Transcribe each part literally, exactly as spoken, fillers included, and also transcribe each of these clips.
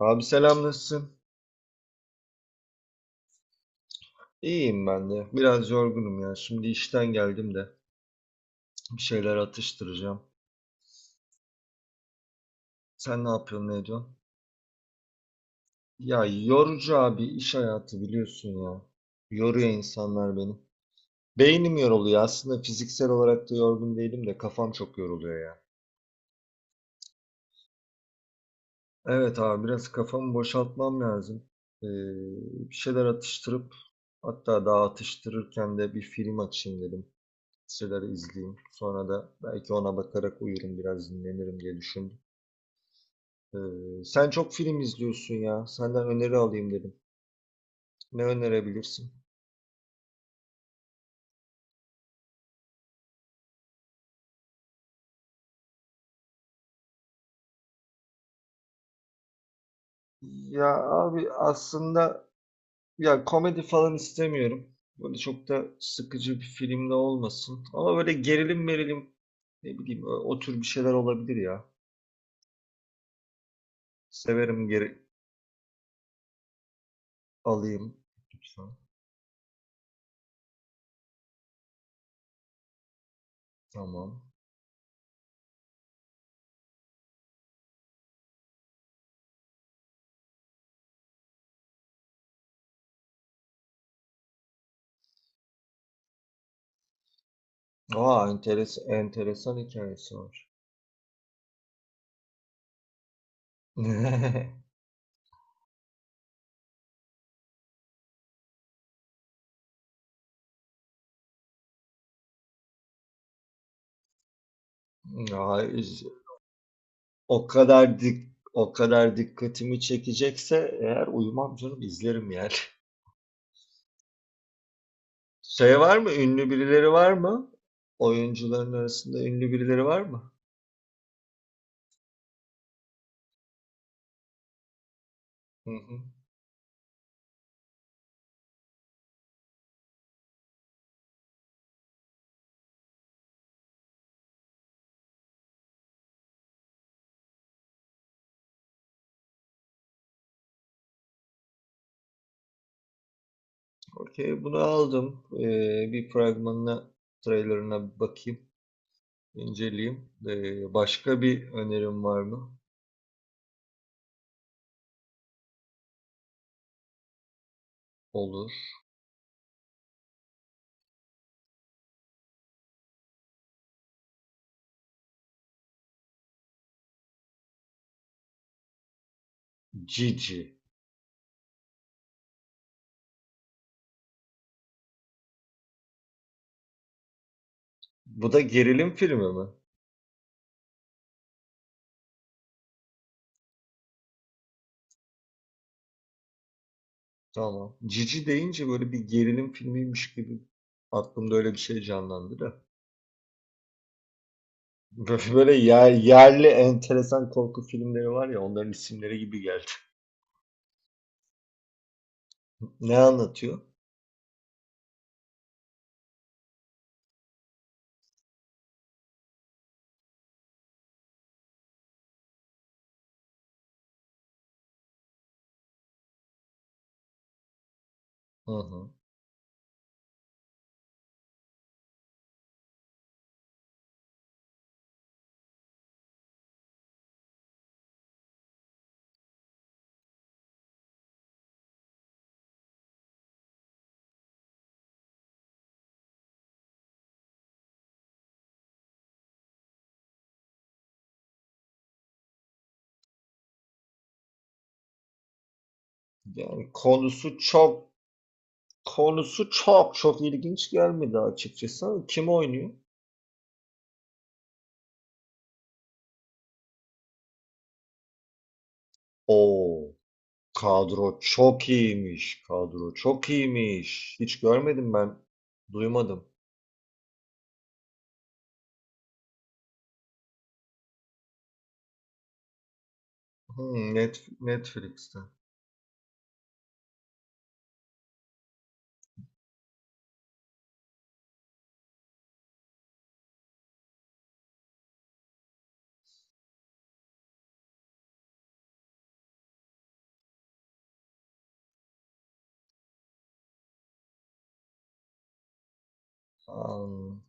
Abi selam nasılsın? İyiyim ben de. Biraz yorgunum ya. Şimdi işten geldim de bir şeyler atıştıracağım. Sen ne yapıyorsun, ne ediyorsun? Ya yorucu abi iş hayatı biliyorsun ya. Yoruyor insanlar beni. Beynim yoruluyor. Aslında fiziksel olarak da yorgun değilim de kafam çok yoruluyor ya. Evet abi biraz kafamı boşaltmam lazım. Ee, Bir şeyler atıştırıp hatta daha atıştırırken de bir film açayım dedim. Listeleri izleyeyim. Sonra da belki ona bakarak uyurum biraz dinlenirim diye düşündüm. Ee, sen çok film izliyorsun ya. Senden öneri alayım dedim. Ne önerebilirsin? Ya abi aslında ya komedi falan istemiyorum. Böyle çok da sıkıcı bir film de olmasın. Ama böyle gerilim merilim ne bileyim o, o tür bir şeyler olabilir ya. Severim, geri alayım. Lütfen. Tamam. Aa, enteres enteresan hikayesi var. Ya, O kadar dik o kadar dikkatimi çekecekse eğer uyumam canım izlerim yani. Şey var mı? Ünlü birileri var mı? Oyuncuların arasında ünlü birileri var mı? Hı hı. Okey, bunu aldım. Ee, bir fragmanına, trailerına bakayım, inceleyeyim. Ee, başka bir önerim var mı? Olur. Cici. Bu da gerilim filmi mi? Tamam. Cici deyince böyle bir gerilim filmiymiş gibi aklımda öyle bir şey canlandı da. Bö böyle yer yerli enteresan korku filmleri var ya, onların isimleri gibi geldi. Ne anlatıyor? Hı hı. Yani konusu çok konusu çok çok ilginç gelmedi açıkçası. Kim oynuyor? Oo, kadro çok iyiymiş. Kadro çok iyiymiş. Hiç görmedim ben. Duymadım. Hmm, Net, Netflix'te. Am,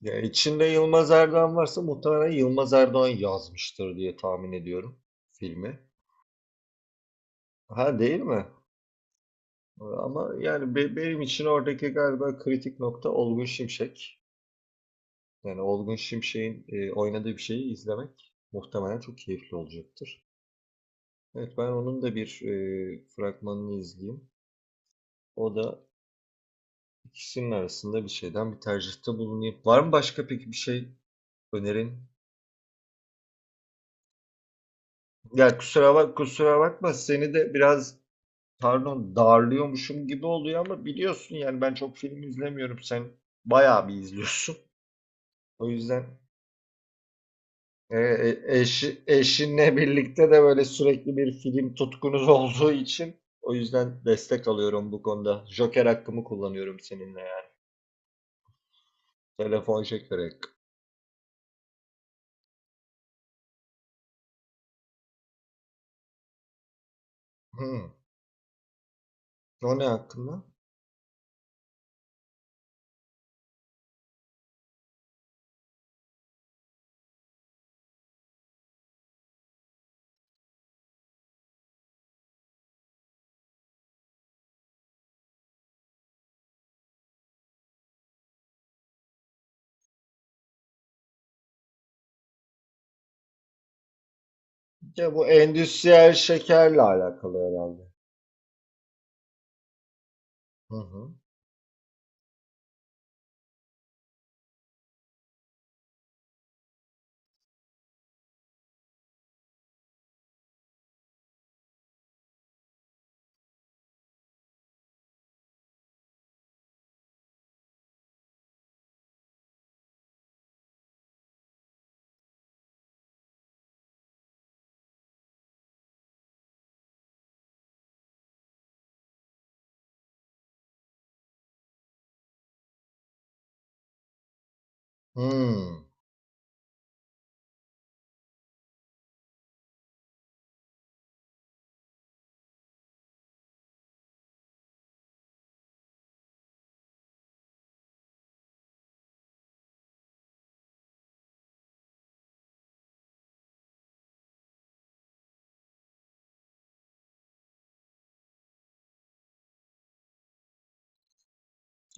ya içinde Yılmaz Erdoğan varsa muhtemelen Yılmaz Erdoğan yazmıştır diye tahmin ediyorum filmi. Ha değil mi? Ama yani be- benim için oradaki galiba kritik nokta Olgun Şimşek. Yani Olgun Şimşek'in e, oynadığı bir şeyi izlemek muhtemelen çok keyifli olacaktır. Evet ben onun da bir e, fragmanını izleyeyim. O da ikisinin arasında bir şeyden bir tercihte bulunayım. Var mı başka peki bir şey önerin? Ya kusura bak kusura bakma seni de biraz pardon darlıyormuşum gibi oluyor ama biliyorsun yani ben çok film izlemiyorum. Sen bayağı bir izliyorsun. O yüzden. E, e- eşi, eşinle birlikte de böyle sürekli bir film tutkunuz olduğu için o yüzden destek alıyorum bu konuda. Joker hakkımı kullanıyorum seninle ya. Telefon şekeri hakkı. Hı. O ne hakkında? Ya bu endüstriyel şekerle alakalı herhalde. Hı hı. Hı.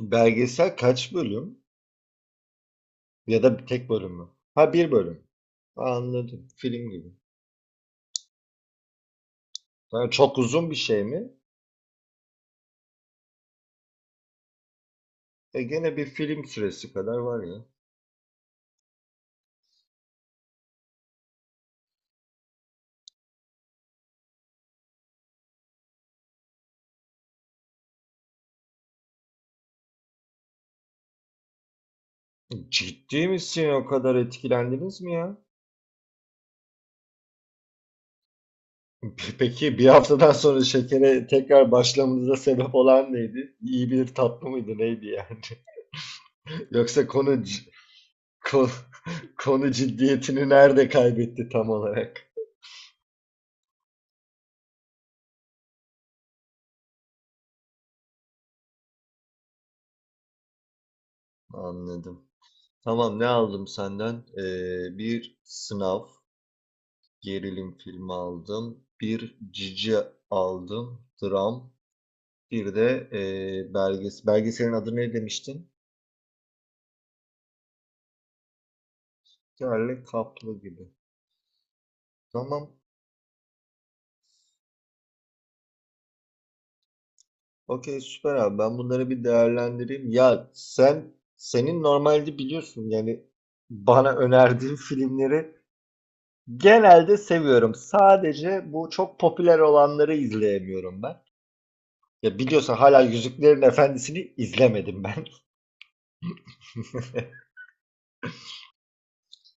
Belgesel kaç bölüm? Ya da tek bölüm mü? Ha bir bölüm. Anladım. Film gibi. Ha, çok uzun bir şey mi? E gene bir film süresi kadar var ya. Ciddi misin? O kadar etkilendiniz mi ya? Pe- Peki bir haftadan sonra şekere tekrar başlamanıza sebep olan neydi? İyi bir tatlı mıydı neydi yani? Yoksa konu c- ko- konu ciddiyetini nerede kaybetti tam olarak? Anladım. Tamam ne aldım senden? Ee, bir sınav gerilim filmi aldım. Bir cici aldım. Dram. Bir de ee, belges belgeselin adı ne demiştin? Yerli kaplı gibi. Tamam. Okey süper abi ben bunları bir değerlendireyim. Ya sen senin normalde biliyorsun yani bana önerdiğin filmleri genelde seviyorum. Sadece bu çok popüler olanları izleyemiyorum ben. Ya biliyorsun hala Yüzüklerin Efendisi'ni izlemedim ben.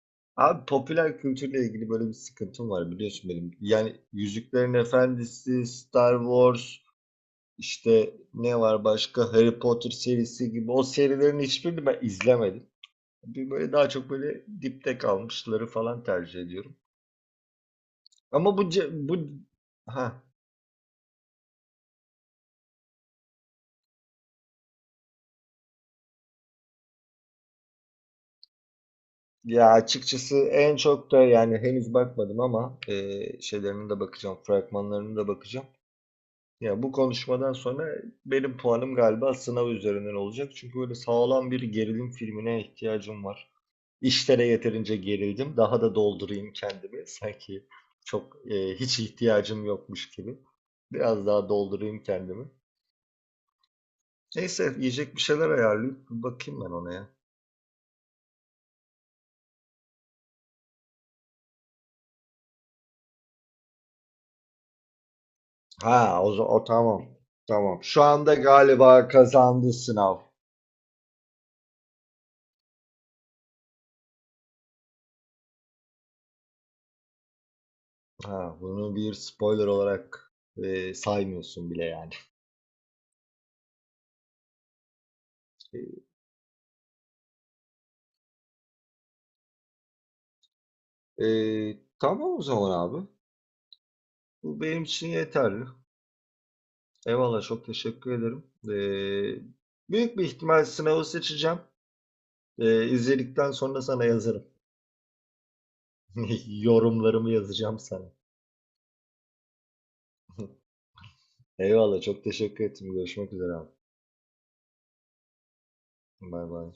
Abi popüler kültürle ilgili böyle bir sıkıntım var biliyorsun benim. Yani Yüzüklerin Efendisi, Star Wars, işte ne var başka Harry Potter serisi gibi o serilerin hiçbirini ben izlemedim. Bir böyle daha çok böyle dipte kalmışları falan tercih ediyorum. Ama bu ce- bu ha ya açıkçası en çok da yani henüz bakmadım ama e, şeylerine de bakacağım, fragmanlarına da bakacağım. Ya bu konuşmadan sonra benim puanım galiba sınav üzerinden olacak. Çünkü böyle sağlam bir gerilim filmine ihtiyacım var. İşlere yeterince gerildim. Daha da doldurayım kendimi. Sanki çok e, hiç ihtiyacım yokmuş gibi. Biraz daha doldurayım kendimi. Neyse yiyecek bir şeyler ayarlayıp bakayım ben ona ya. Ha o, za- o tamam. Tamam. Şu anda galiba kazandı sınav. Ha, bunu bir spoiler olarak e, saymıyorsun bile yani. Ee, tamam o zaman abi. Bu benim için yeterli. Eyvallah çok teşekkür ederim. Ee, büyük bir ihtimal sınavı seçeceğim. Ee, izledikten sonra sana yazarım. Yorumlarımı yazacağım sana. Eyvallah çok teşekkür ettim. Görüşmek üzere abi. Bay bay.